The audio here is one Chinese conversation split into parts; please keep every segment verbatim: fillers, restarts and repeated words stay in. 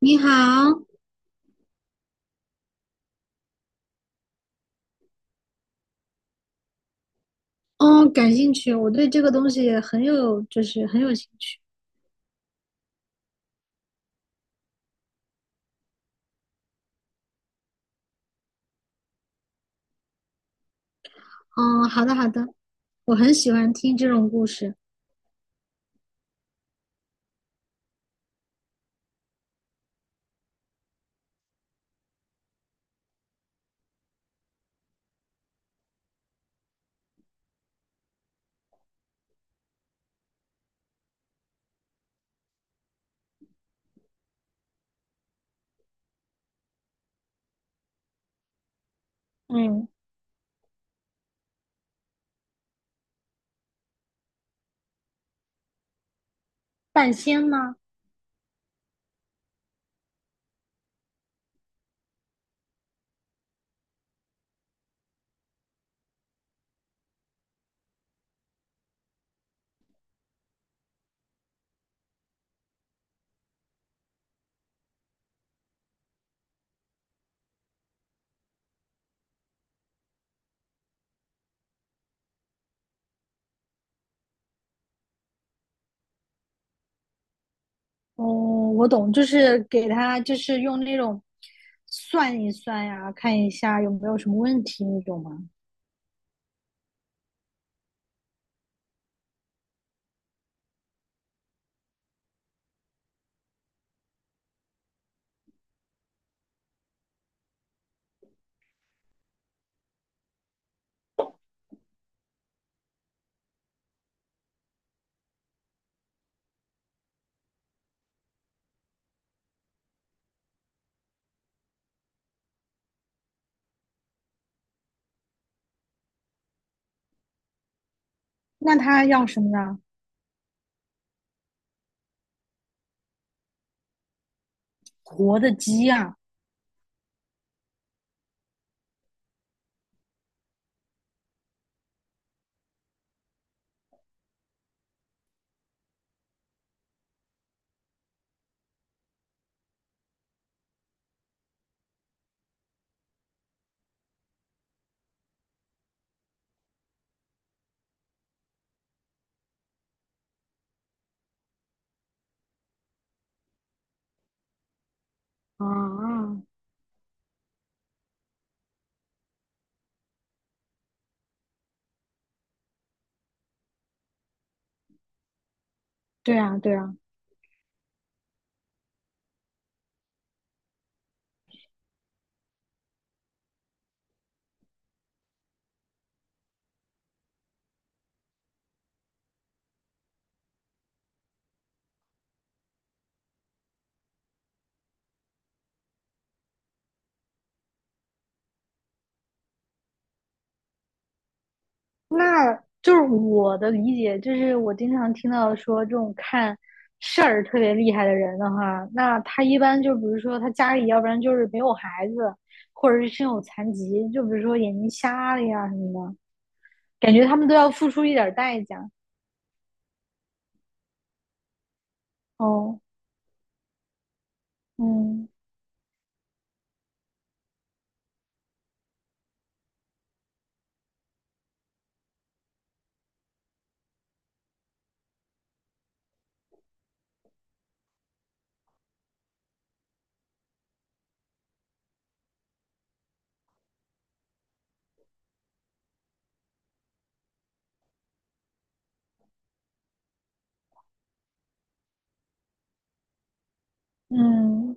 你好。哦，感兴趣，我对这个东西也很有，就是很有兴趣。嗯，好的好的，我很喜欢听这种故事。嗯，半仙吗？哦，我懂，就是给他，就是用那种算一算呀，看一下有没有什么问题那种吗？那他要什么呢？活的鸡呀？啊，对啊对啊，那就是我的理解，就是我经常听到说这种看事儿特别厉害的人的话，那他一般就比如说他家里要不然就是没有孩子，或者是身有残疾，就比如说眼睛瞎了呀什么的，感觉他们都要付出一点代价。哦，嗯嗯，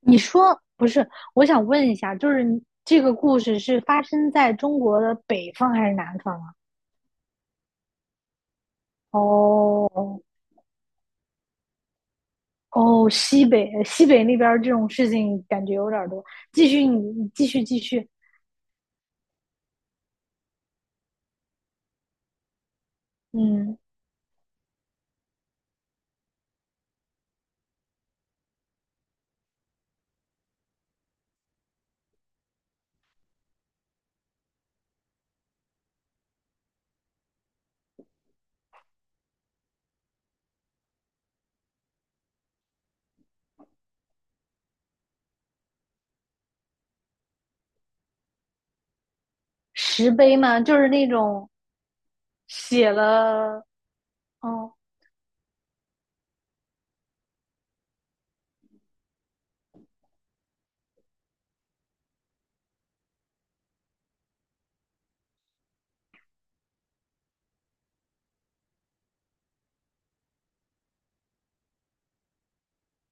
你说不是？我想问一下，就是你这个故事是发生在中国的北方还是南方啊？哦，哦，西北，西北那边儿这种事情感觉有点儿多。继续你，你继续，继续。嗯，石碑嘛，就是那种写了，哦，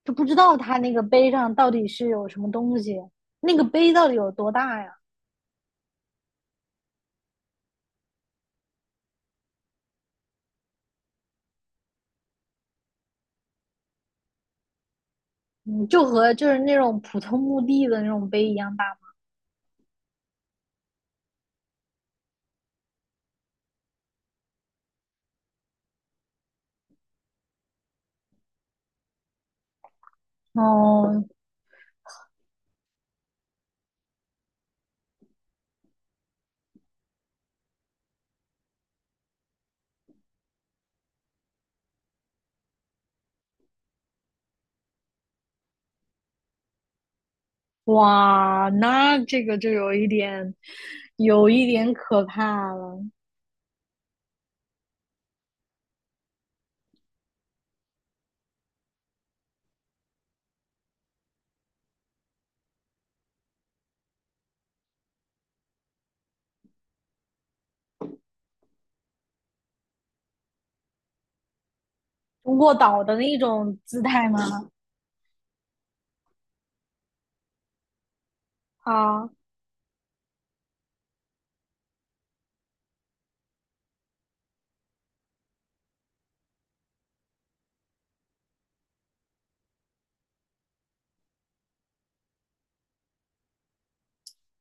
就不知道他那个碑上到底是有什么东西，那个碑到底有多大呀？嗯，就和就是那种普通墓地的那种碑一样大吗。哦，哇，那这个就有一点，有一点可怕了。卧倒的那种姿态吗？啊，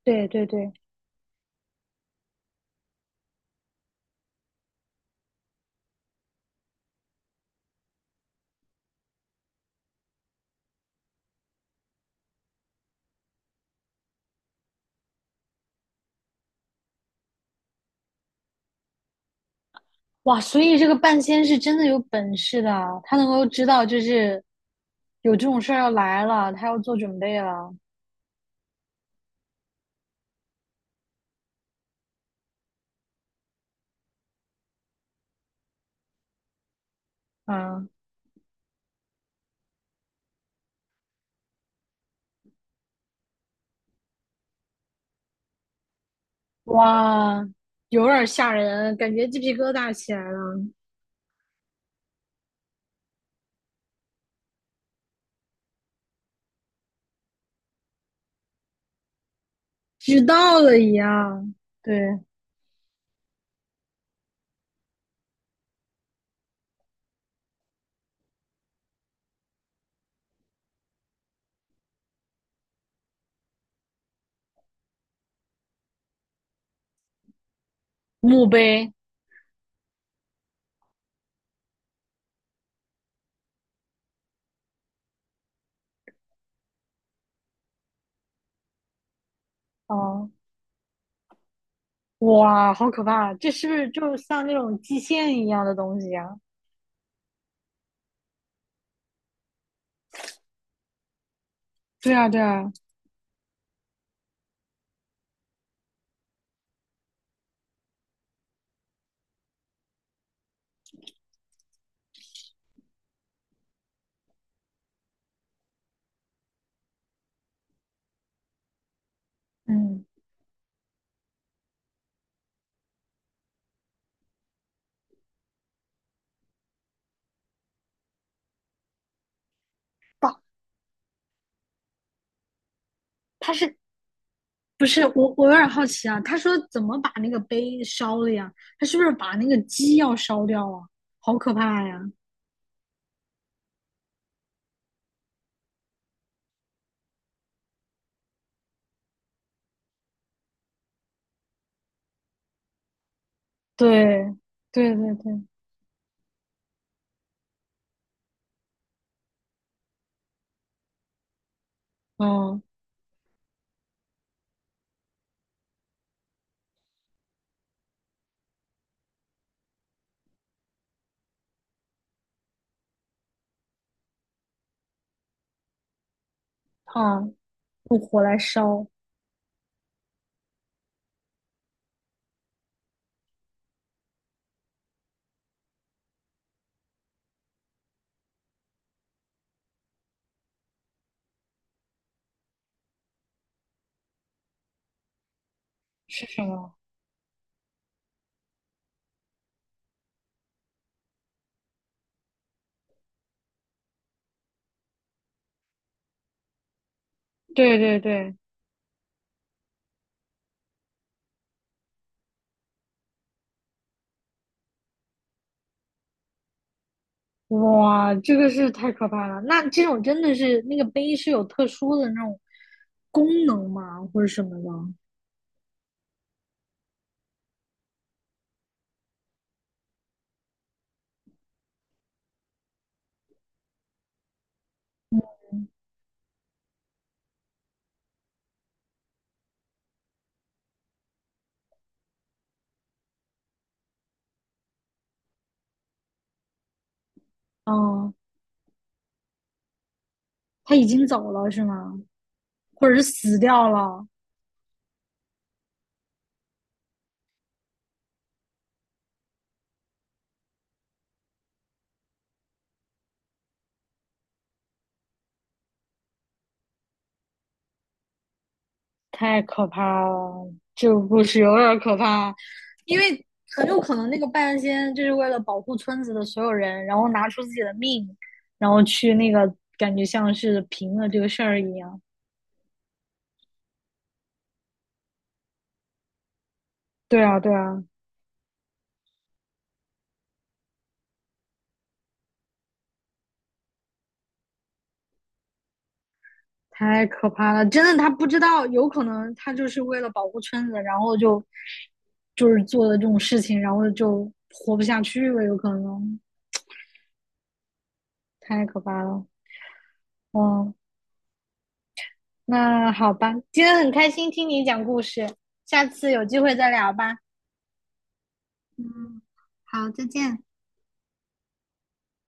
对对对。哇，所以这个半仙是真的有本事的啊，他能够知道就是有这种事儿要来了，他要做准备了。嗯，哇，有点吓人，感觉鸡皮疙瘩起来了，知道了一样。对，墓碑，哦，哇，好可怕啊！这是不是就像那种祭献一样的东西呀？对啊，对啊，嗯，不，它是不是我，我有点好奇啊。他说怎么把那个碑烧了呀？他是不是把那个鸡要烧掉啊？好可怕呀！对，对对对，嗯啊，用火来烧是什么？对对对，哇，这个是太可怕了。那这种真的是那个碑是有特殊的那种功能吗？或者什么的？嗯，他已经走了是吗？或者是死掉了？太可怕了，这个故事有点可怕，因为很有可能那个半仙就是为了保护村子的所有人，然后拿出自己的命，然后去那个感觉像是平了这个事儿一样。对啊，对啊，太可怕了，真的，他不知道，有可能他就是为了保护村子，然后就就是做的这种事情，然后就活不下去了，有可能。太可怕了，嗯。那好吧，今天很开心听你讲故事，下次有机会再聊吧。嗯，好，再见。